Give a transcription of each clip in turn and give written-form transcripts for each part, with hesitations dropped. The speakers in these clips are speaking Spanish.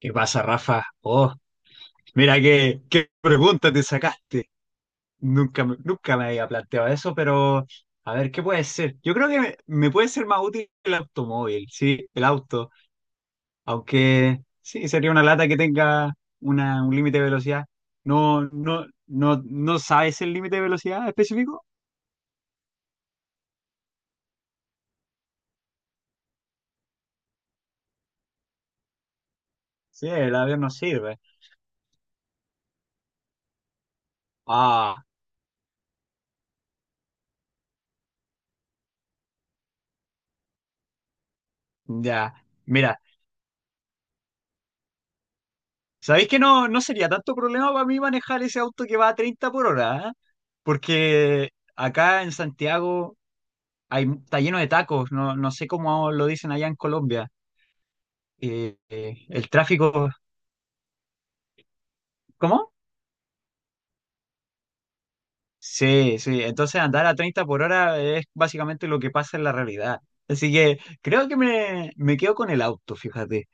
¿Qué pasa, Rafa? Oh, mira qué pregunta te sacaste. Nunca me había planteado eso, pero a ver, ¿qué puede ser? Yo creo que me puede ser más útil el automóvil, sí, el auto. Aunque sí, sería una lata que tenga un límite de velocidad. No, no, no, ¿no sabes el límite de velocidad específico? Sí, el avión no sirve. Ah, ya. Mira, ¿sabéis que no sería tanto problema para mí manejar ese auto que va a 30 por hora? ¿Ah? Porque acá en Santiago hay, está lleno de tacos, no, no sé cómo lo dicen allá en Colombia. El tráfico, ¿cómo? Sí, sí, entonces andar a 30 por hora es básicamente lo que pasa en la realidad. Así que creo que me quedo con el auto, fíjate.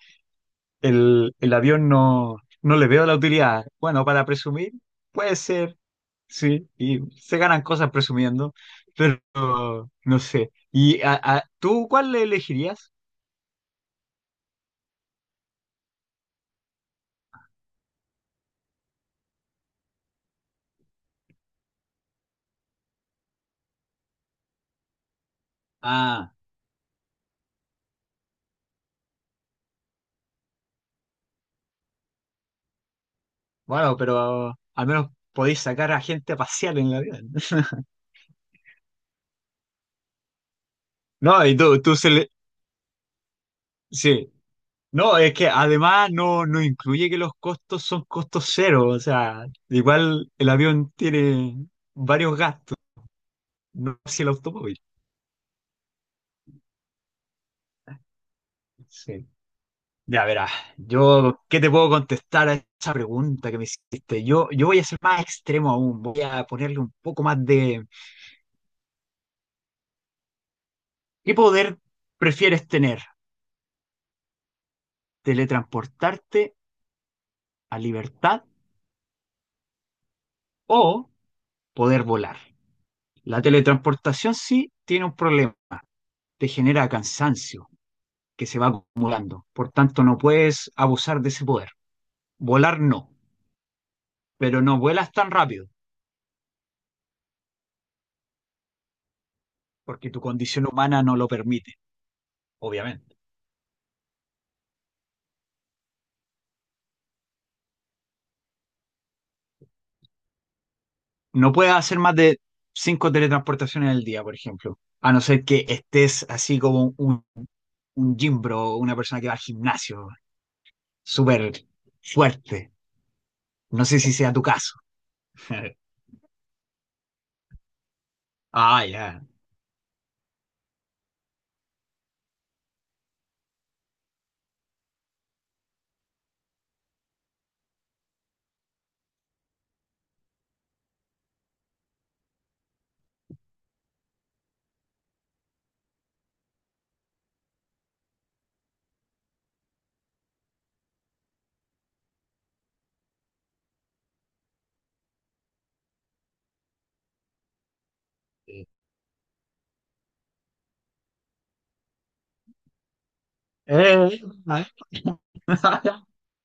El avión no, no le veo la utilidad. Bueno, para presumir, puede ser, sí, y se ganan cosas presumiendo, pero no sé. ¿Y tú cuál le elegirías? Ah, bueno, pero al menos podéis sacar a gente a pasear en el avión. No, y tú se le... Sí. No, es que además no incluye que los costos son costos cero. O sea, igual el avión tiene varios gastos, no así el automóvil. Sí. Ya verás, ¿qué te puedo contestar a esa pregunta que me hiciste? Yo voy a ser más extremo aún, voy a ponerle un poco más de... ¿Qué poder prefieres tener? ¿Teletransportarte a libertad o poder volar? La teletransportación sí tiene un problema, te genera cansancio que se va acumulando, por tanto no puedes abusar de ese poder. Volar no, pero no vuelas tan rápido, porque tu condición humana no lo permite, obviamente. No puedes hacer más de cinco teletransportaciones al día, por ejemplo. A no ser que estés así como un gym bro, una persona que va al gimnasio, súper fuerte. No sé si sea tu caso. Ah, ya. Eh, eh, ah,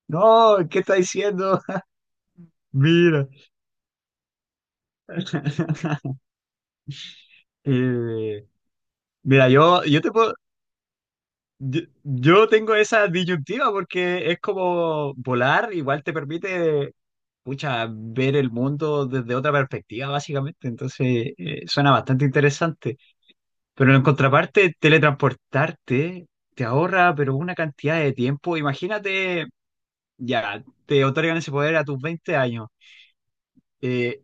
no, ¿qué está diciendo? Mira. Eh, mira, yo te puedo, yo tengo esa disyuntiva porque es como volar, igual te permite, pucha, ver el mundo desde otra perspectiva, básicamente. Entonces, suena bastante interesante. Pero en contraparte, teletransportarte te ahorra, pero una cantidad de tiempo. Imagínate, ya, te otorgan ese poder a tus 20 años. Eh,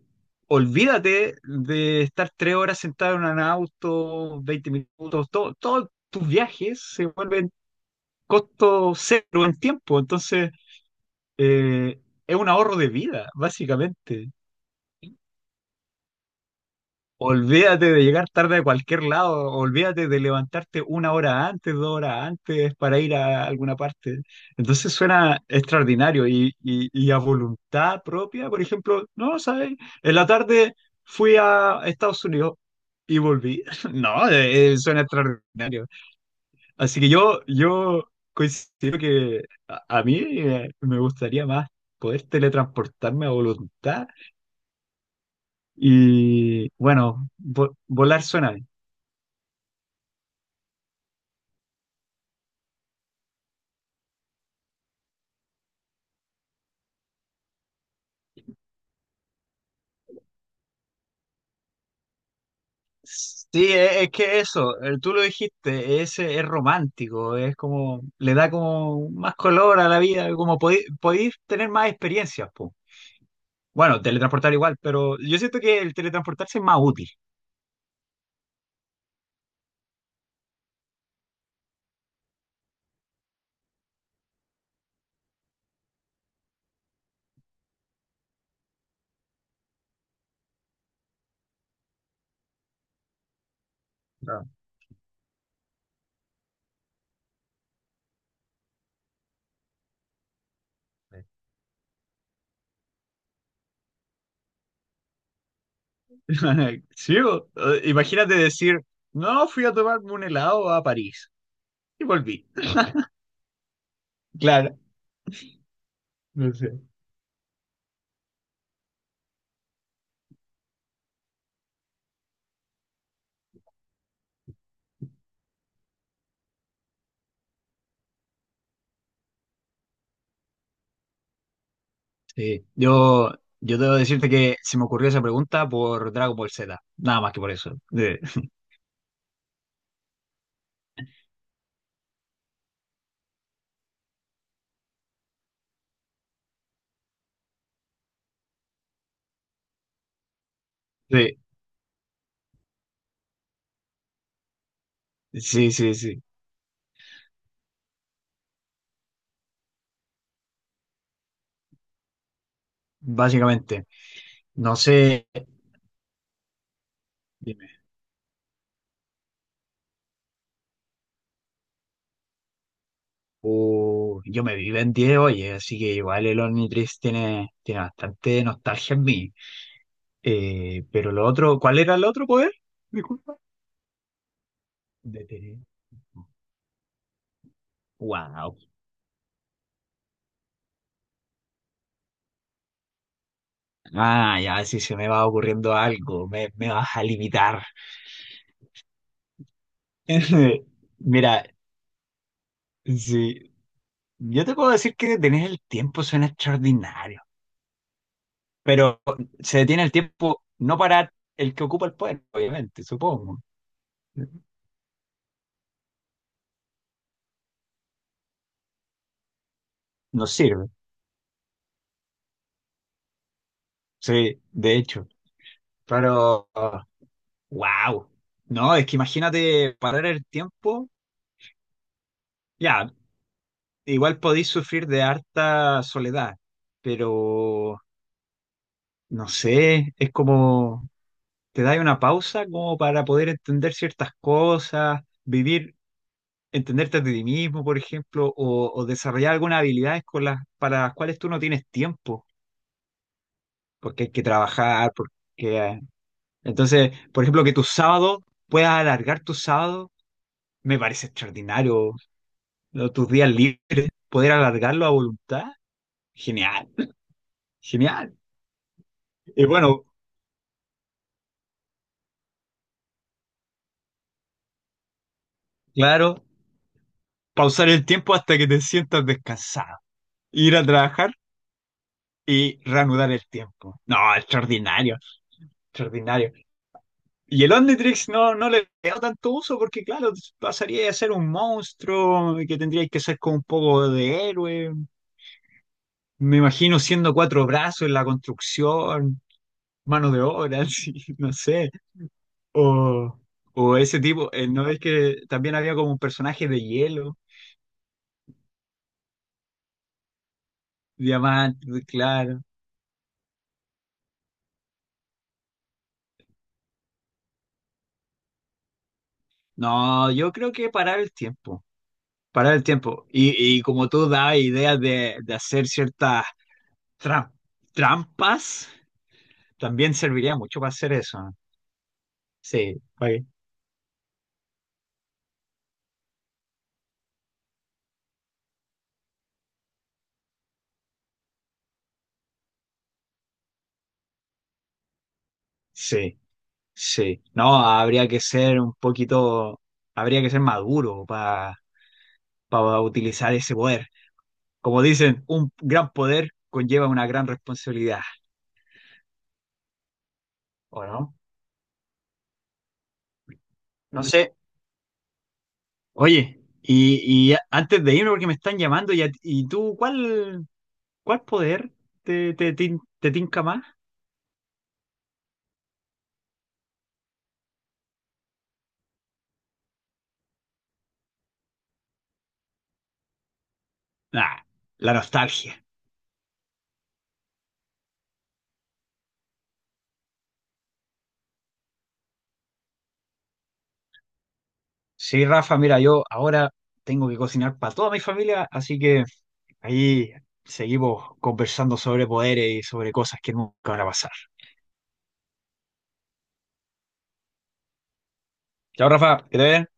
olvídate de estar 3 horas sentado en un auto, 20 minutos, todos tus viajes se vuelven costo cero en tiempo. Entonces, eh, es un ahorro de vida, básicamente. Olvídate de llegar tarde a cualquier lado, olvídate de levantarte una hora antes, 2 horas antes para ir a alguna parte. Entonces suena extraordinario y a voluntad propia, por ejemplo, no, ¿sabes? En la tarde fui a Estados Unidos y volví. No, suena extraordinario. Así que yo coincido que a mí me gustaría más poder teletransportarme a voluntad y bueno, volar suena bien. Sí, que eso, tú lo dijiste, es romántico, es como, le da como más color a la vida, como podéis tener más experiencias, po. Bueno, teletransportar igual, pero yo siento que el teletransportarse es más útil. Claro. Sí, bo. Imagínate decir, no, fui a tomarme un helado a París y volví. Claro, no sé. Sí, yo debo decirte que se me ocurrió esa pregunta por Dragon Ball Z, nada más que por eso. De- sí, sí, sí, básicamente. No sé, dime. Yo me vivo en 10, oye, así que igual el Omnitrix tiene bastante nostalgia en mí. Pero lo otro, ¿cuál era el otro poder? Disculpa. Detener. Wow. Ah, ya, si se me va ocurriendo algo, me vas a limitar. Mira, sí, yo te puedo decir que detener el tiempo suena extraordinario, pero se detiene el tiempo no para el que ocupa el poder, obviamente, supongo. No sirve, sí, de hecho. Pero, wow. No, es que imagínate parar el tiempo, ya, igual podéis sufrir de harta soledad, pero no sé, es como, te dais una pausa como para poder entender ciertas cosas, vivir, entenderte de ti mismo, por ejemplo, o desarrollar algunas habilidades con para las cuales tú no tienes tiempo, porque hay que trabajar, porque... entonces, por ejemplo, que tus sábados, puedas alargar tus sábados, me parece extraordinario, ¿no? Tus días libres, poder alargarlo a voluntad, genial, genial. Y bueno, claro, pausar el tiempo hasta que te sientas descansado. Ir a trabajar y reanudar el tiempo. No, extraordinario, extraordinario. Y el Omnitrix no, no le veo tanto uso porque, claro, pasaría a ser un monstruo que tendría que ser como un poco de héroe. Me imagino siendo cuatro brazos en la construcción, mano de obra, así, no sé. O, o ese tipo, ¿no es que también había como un personaje de hielo, diamante, claro? No, yo creo que parar el tiempo, parar el tiempo. Y como tú dabas ideas de hacer ciertas Tra- trampas también serviría mucho para hacer eso. ¿No? Sí, ok, sí, sí. No, habría que ser maduro para utilizar ese poder. Como dicen, un gran poder conlleva una gran responsabilidad, ¿o no? No sé. Oye, y antes de irme, porque me están llamando, ¿y, y tú cuál poder te tinca más? Ah, la nostalgia. Sí, Rafa, mira, yo ahora tengo que cocinar para toda mi familia, así que ahí seguimos conversando sobre poderes y sobre cosas que nunca van a pasar. Chao, Rafa, que te vaya bien.